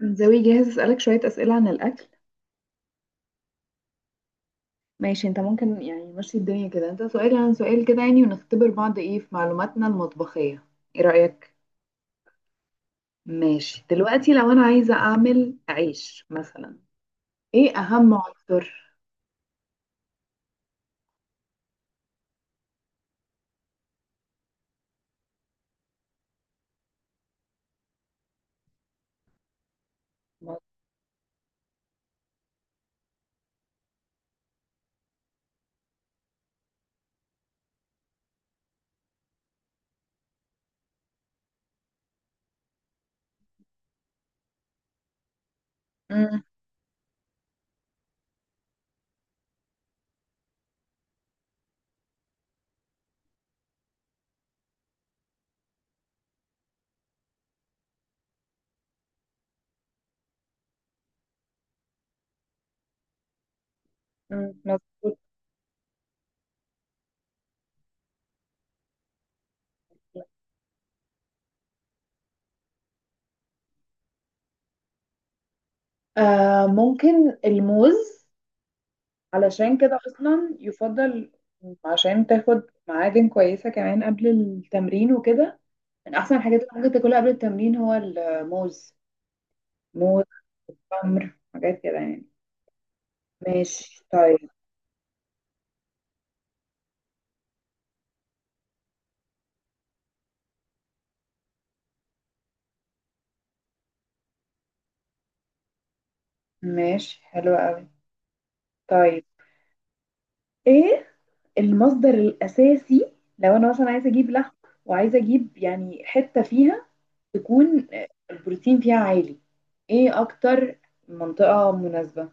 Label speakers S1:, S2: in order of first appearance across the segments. S1: زوي، جاهز اسألك شوية أسئلة عن الأكل. ماشي، انت ممكن، يعني ماشي الدنيا كده، انت سؤال عن سؤال كده يعني، ونختبر بعض ايه في معلوماتنا المطبخية. ايه رأيك؟ ماشي. دلوقتي لو انا عايزة اعمل عيش مثلا، ايه اهم عنصر؟ مم، مم، مظبوط. آه، ممكن الموز. علشان كده اصلا يفضل، عشان تاخد معادن كويسة كمان قبل التمرين وكده. من احسن الحاجات اللي ممكن تاكلها قبل التمرين هو الموز. موز. عمر حاجات كده يعني. ماشي طيب. ماشي حلو قوي. طيب، ايه المصدر الاساسي لو انا مثلا عايزه اجيب لحم، وعايزه اجيب يعني حته فيها، تكون البروتين فيها عالي؟ ايه اكتر منطقه مناسبه؟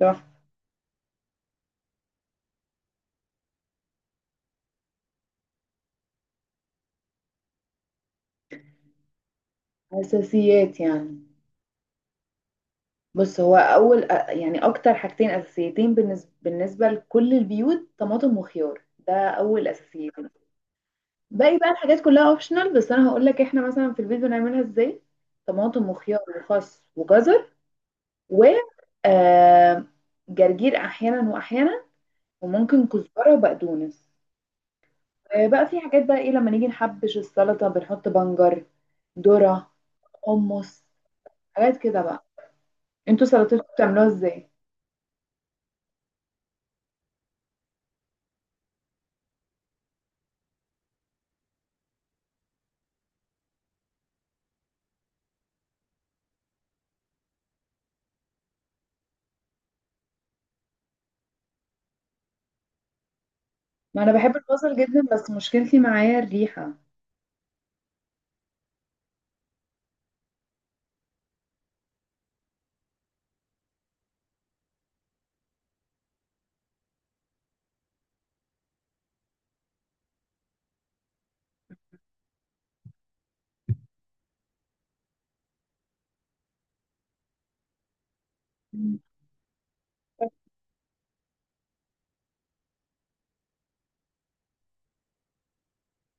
S1: صح. اساسيات يعني. بص، هو اول يعني اكتر حاجتين اساسيتين بالنسبه لكل البيوت، طماطم وخيار، ده اول اساسيتين. باقي بقى الحاجات كلها اوبشنال، بس انا هقول لك احنا مثلا في البيت بنعملها ازاي. طماطم وخيار وخس وجزر و آه، جرجير احيانا واحيانا، وممكن كزبره وبقدونس. آه، بقى في حاجات بقى، ايه لما نيجي نحبش السلطه بنحط بنجر، ذره، حمص، حاجات كده بقى. انتوا سلطتكم بتعملوها ازاي؟ ما انا بحب البصل جدا بس مشكلتي معايا الريحه. مم.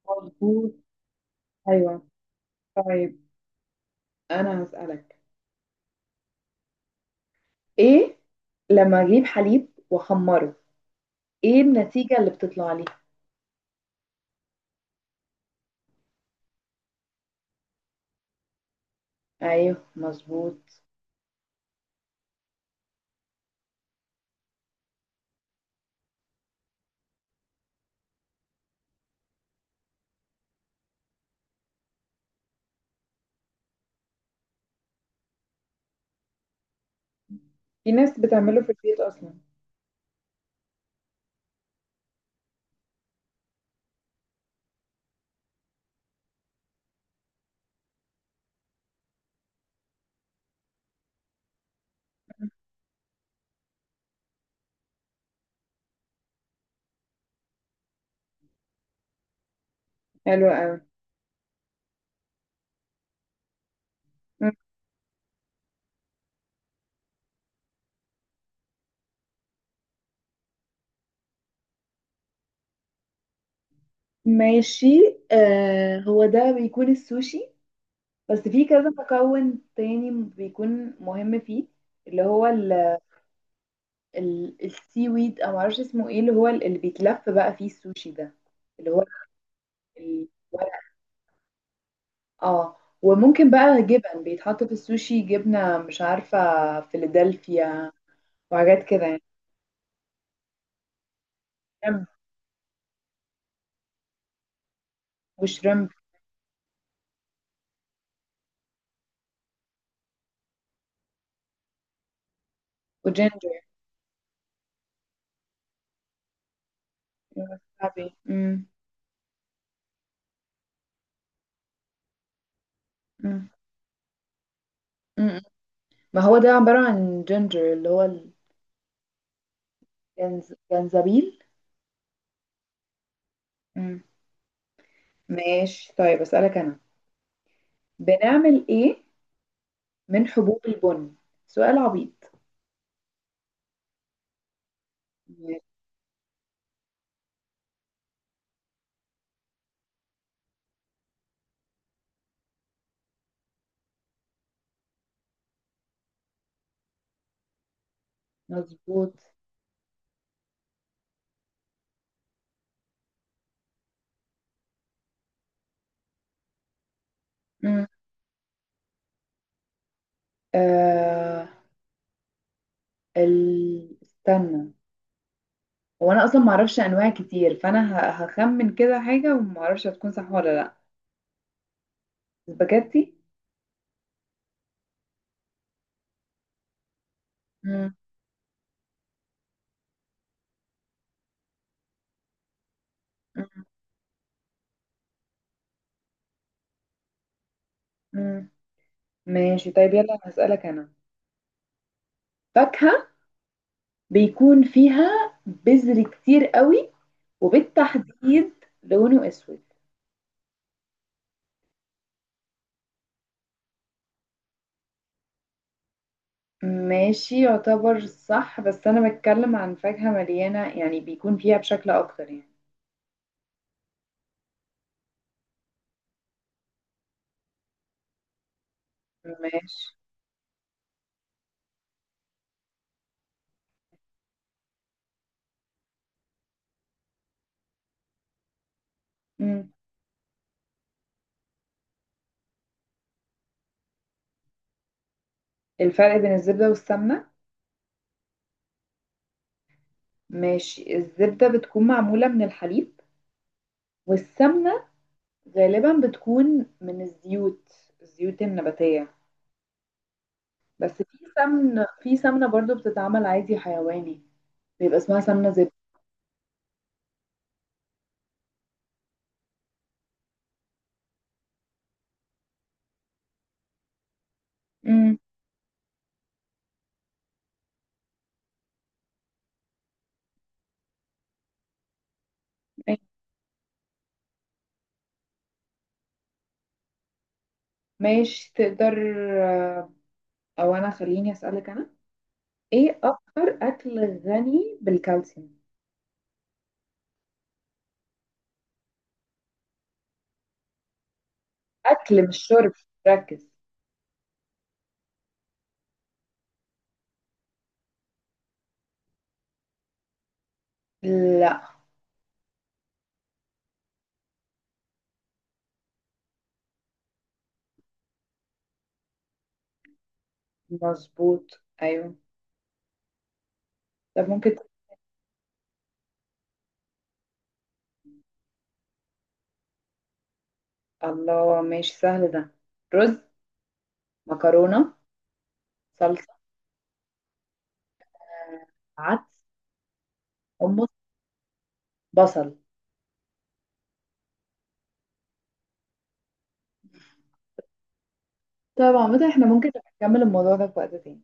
S1: مظبوط. ايوه، طيب انا هسألك، ايه لما اجيب حليب واخمره، ايه النتيجة اللي بتطلع لي؟ ايوه مظبوط. في ناس بتعمله في البيت اصلا. حلو قوي. م- ماشي. آه، هو ده بيكون السوشي، بس في كذا مكون تاني بيكون مهم فيه، اللي هو ال السي ويد، او معرفش اسمه ايه، اللي هو اللي بيتلف بقى فيه السوشي ده، اللي هو ال- الورق. اه، وممكن بقى جبن بيتحط في السوشي، جبنة مش عارفة، فيلادلفيا وحاجات كده يعني. شريمب. وشريمب. وجينجر. وسابي. مم. مم. مم. ما هو ده عبارة عن جينجر، اللي هو جنزبيل. مم. ماشي. طيب أسألك أنا، بنعمل إيه من حبوب البن؟ سؤال عبيط. ماشي. مظبوط. مم. آه... استنى، هو أنا أصلا معرفش أنواع كتير، فأنا هخمن كده حاجة ومعرفش هتكون صح ولا لأ. سباجيتي. مم. مم. مم. ماشي طيب، يلا أنا هسألك أنا، فاكهة بيكون فيها بذر كتير قوي، وبالتحديد لونه اسود. ماشي، يعتبر صح، بس انا بتكلم عن فاكهة مليانة، يعني بيكون فيها بشكل اكتر يعني. ماشي. مم. الفرق بين الزبدة والسمنة. ماشي، الزبدة بتكون معمولة من الحليب، والسمنة غالبا بتكون من الزيوت، الزيوت النباتية. بس في سمنة برضو بتتعمل عادي حيواني، بيبقى اسمها سمنة زبدة. مم. ماشي تقدر، آه، او انا خليني اسالك انا، ايه اكتر اكل غني بالكالسيوم؟ اكل مش شرب، ركز. لا. مظبوط، ايوه. طب ممكن الله، ماشي سهل ده. رز، مكرونه، صلصه، عدس، حمص، بصل. طب عامة احنا ممكن نبقى نكمل الموضوع ده في وقت تاني.